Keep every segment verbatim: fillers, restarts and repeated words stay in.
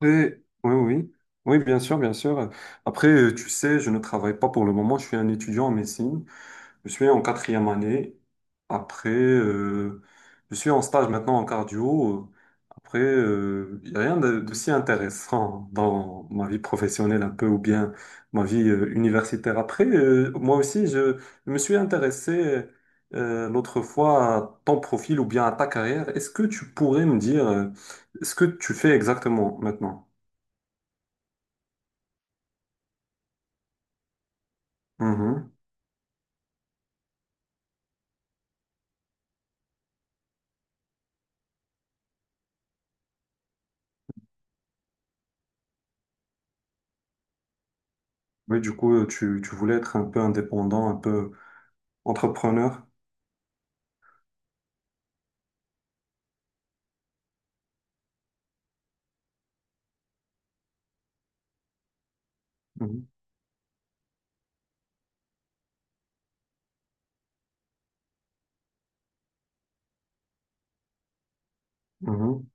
Oui, oui, oui, oui, bien sûr, bien sûr. Après, euh, tu sais, je ne travaille pas pour le moment. Je suis un étudiant en médecine. Je suis en quatrième année. Après, euh, je suis en stage maintenant en cardio. Après, euh, il n'y a rien de, de si intéressant dans ma vie professionnelle un peu ou bien ma vie euh, universitaire. Après, euh, moi aussi, je, je me suis intéressé euh, l'autre fois à ton profil ou bien à ta carrière. Est-ce que tu pourrais me dire, euh, ce que tu fais exactement maintenant? Mhm. Oui, du coup, euh, tu, tu voulais être un peu indépendant, un peu entrepreneur. Mhm. Mhm.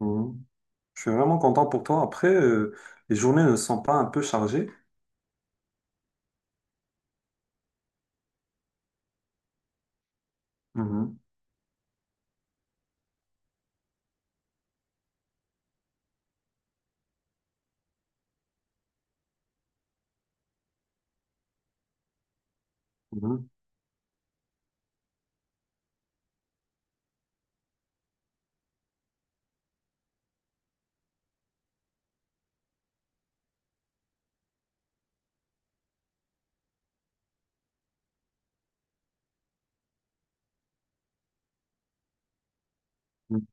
Mhm. Je suis vraiment content pour toi. Après, euh, les journées ne sont pas un peu chargées. Mhm. Mhm. Mhm.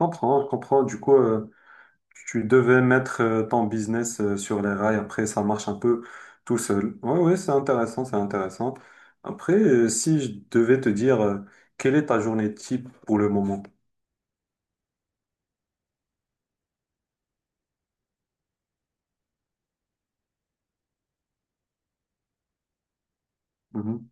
Je comprends, je comprends. Du coup, euh, tu devais mettre euh, ton business euh, sur les rails. Après, ça marche un peu tout seul. Oui, oui, c'est intéressant, c'est intéressant. Après, euh, si je devais te dire, euh, quelle est ta journée type pour le moment? Mhm.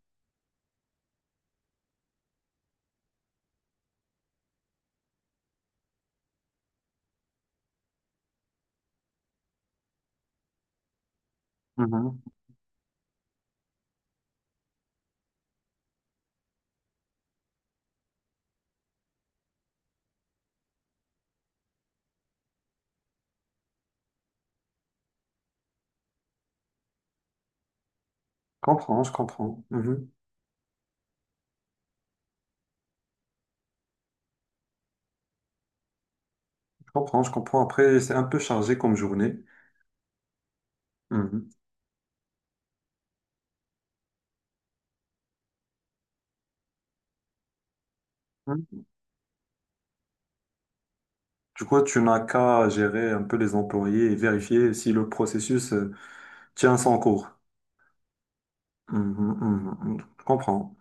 Mhm. Je comprends, je comprends. Je comprends, je comprends. Après, c'est un peu chargé comme journée. Mhm. Mhm. Du coup, tu n'as qu'à gérer un peu les employés et vérifier si le processus, euh, tient son cours. Mhm, mhm, mhm. Je comprends.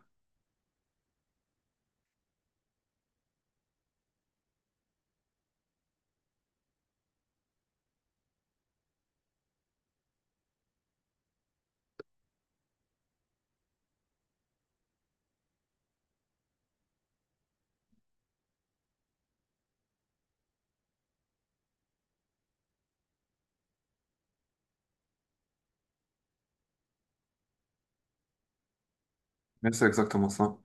Mais c'est exactement ça.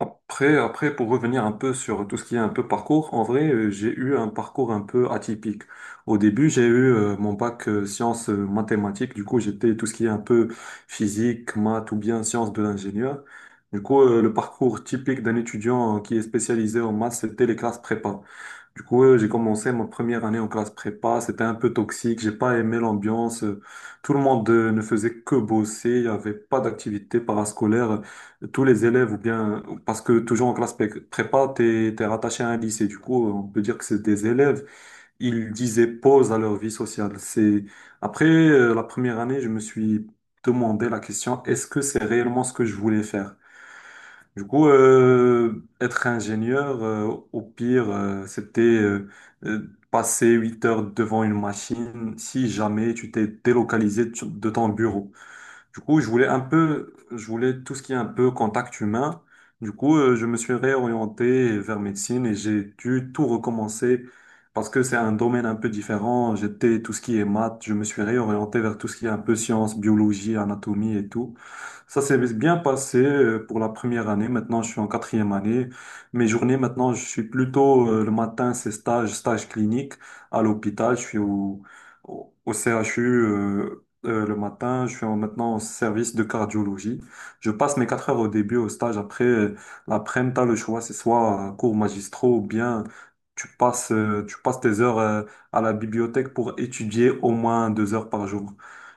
Après, après, pour revenir un peu sur tout ce qui est un peu parcours, en vrai, euh, j'ai eu un parcours un peu atypique. Au début, j'ai eu, euh, mon bac, euh, sciences, euh, mathématiques. Du coup, j'étais tout ce qui est un peu physique, maths ou bien sciences de l'ingénieur. Du coup, euh, le parcours typique d'un étudiant, euh, qui est spécialisé en maths, c'était les classes prépa. Du coup, euh, j'ai commencé ma première année en classe prépa. C'était un peu toxique. J'ai pas aimé l'ambiance. Euh, Tout le monde euh, ne faisait que bosser. Il n'y avait pas d'activité parascolaire. Tous les élèves ou bien, parce que toujours en classe pré- prépa, t'es, t'es rattaché à un lycée. Du coup, on peut dire que c'est des élèves. Ils disaient pause à leur vie sociale. C'est, après, euh, la première année, je me suis demandé la question, est-ce que c'est réellement ce que je voulais faire? Du coup, euh, être ingénieur, euh, au pire, euh, c'était, euh, euh, passer huit heures devant une machine si jamais tu t'es délocalisé de ton bureau. Du coup, je voulais un peu, je voulais tout ce qui est un peu contact humain. Du coup, euh, je me suis réorienté vers médecine et j'ai dû tout recommencer parce que c'est un domaine un peu différent. J'étais tout ce qui est maths, je me suis réorienté vers tout ce qui est un peu sciences, biologie, anatomie et tout. Ça s'est bien passé, euh, pour la première année. Maintenant, je suis en quatrième année. Mes journées, maintenant, je suis plutôt, euh, le matin, c'est stage, stage clinique à l'hôpital. Je suis au, au, au C H U, euh, euh, le matin. Je suis en- maintenant au service de cardiologie. Je passe mes quatre heures au début au stage. Après, euh, l'après-midi, t'as le choix. C'est soit, euh, cours magistraux ou bien tu passes, euh, tu passes tes heures, euh, à la bibliothèque pour étudier au moins deux heures par jour.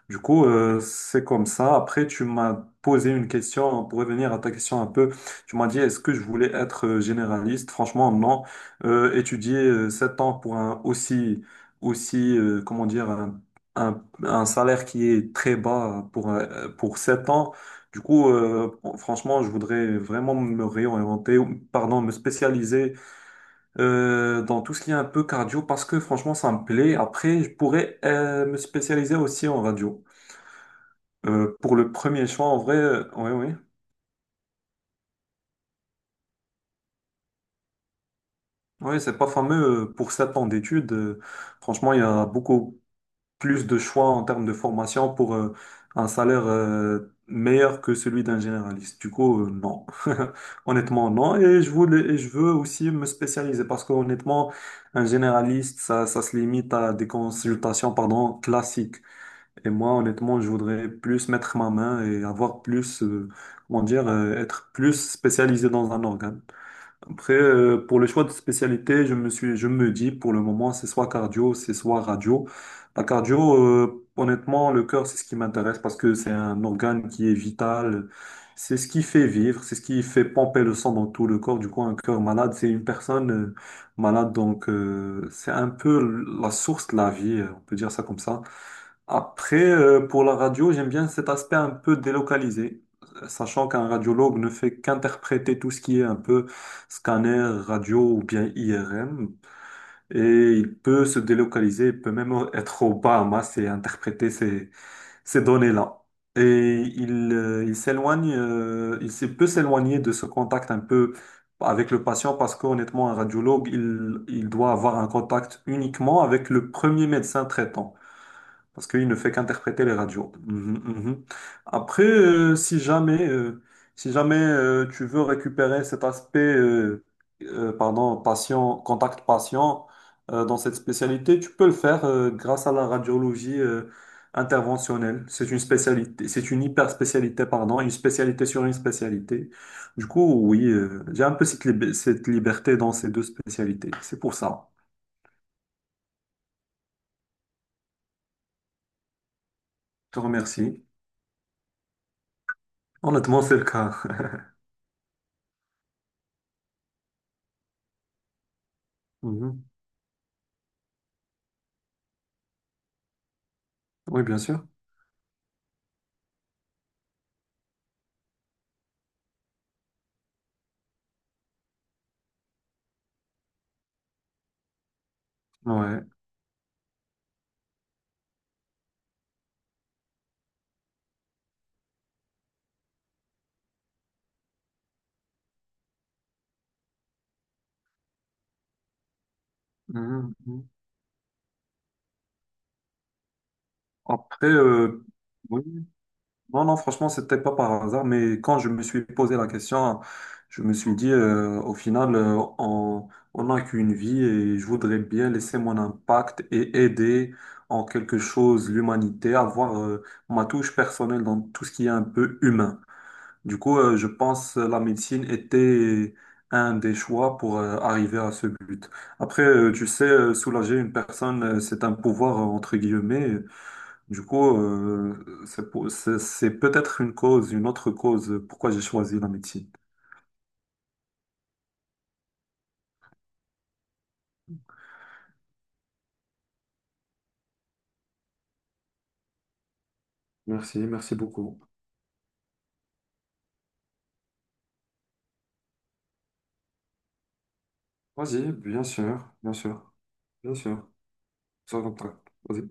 Du coup, euh, c'est comme ça. Après, tu m'as posé une question pour revenir à ta question un peu. Tu m'as dit, est-ce que je voulais être, euh, généraliste? Franchement, non. Euh, étudier euh, sept ans pour un aussi, aussi, euh, comment dire, un, un, un salaire qui est très bas pour, euh, pour sept ans. Du coup, euh, franchement, je voudrais vraiment me réorienter, ou- pardon, me spécialiser euh, dans tout ce qui est un peu cardio parce que franchement, ça me plaît. Après, je pourrais, euh, me spécialiser aussi en radio. Euh, pour le premier choix, en vrai, oui, oui. Oui, c'est pas fameux, euh, pour sept ans d'études. Euh, franchement, il y a beaucoup plus de choix en termes de formation pour, euh, un salaire euh, meilleur que celui d'un généraliste. Du coup, euh, non. Honnêtement, non. Et je voulais, et je veux aussi me spécialiser parce qu'honnêtement, un généraliste, ça, ça se limite à des consultations, pardon, classiques. Et moi, honnêtement, je voudrais plus mettre ma main et avoir plus, euh, comment dire, euh, être plus spécialisé dans un organe. Après, euh, pour le choix de spécialité, je me suis, je me dis pour le moment, c'est soit cardio, c'est soit radio. La cardio, euh, honnêtement, le cœur, c'est ce qui m'intéresse parce que c'est un organe qui est vital. C'est ce qui fait vivre, c'est ce qui fait pomper le sang dans tout le corps. Du coup, un cœur malade, c'est une personne, euh, malade. Donc, euh, c'est un peu la source de la vie, euh, on peut dire ça comme ça. Après, euh, pour la radio, j'aime bien cet aspect un peu délocalisé, sachant qu'un radiologue ne fait qu'interpréter tout ce qui est un peu scanner, radio ou bien I R M, et il peut se délocaliser, il peut même être au Bahamas et interpréter ces, ces données-là. Et il, euh, il s'éloigne, euh, il se- peut s'éloigner de ce contact un peu avec le patient parce qu'honnêtement, un radiologue, il, il doit avoir un contact uniquement avec le premier médecin traitant. Parce qu'il ne fait qu'interpréter les radios. Mhm, mhm. Après, euh, si jamais, euh, si jamais, euh, tu veux récupérer cet aspect, euh, euh, pardon, patient, contact patient, euh, dans cette spécialité, tu peux le faire, euh, grâce à la radiologie, euh, interventionnelle. C'est une spécialité, c'est une hyper spécialité, pardon, une spécialité sur une spécialité. Du coup, oui, euh, j'ai un peu cette, lib- cette liberté dans ces deux spécialités. C'est pour ça. Je te remercie. Honnêtement, c'est le cas. Mhm. Oui, bien sûr. Ouais. Mhm, mhm. Après, euh, oui. Non, non, franchement, c'était pas par hasard, mais quand je me suis posé la question, je me suis dit, euh, au final, euh, on, on n'a qu'une vie et je voudrais bien laisser mon impact et aider en quelque chose l'humanité, avoir, euh, ma touche personnelle dans tout ce qui est un peu humain. Du coup, euh, je pense euh, la médecine était un des choix pour, euh, arriver à ce but. Après, euh, tu sais, euh, soulager une personne, euh, c'est un pouvoir, euh, entre guillemets. Du coup, euh, c'est pour- c'est c'est peut-être une cause, une autre cause, euh, pourquoi j'ai choisi la médecine. Merci, merci beaucoup. Vas-y, bien sûr, bien sûr, bien sûr. Ça rentre. Vas-y.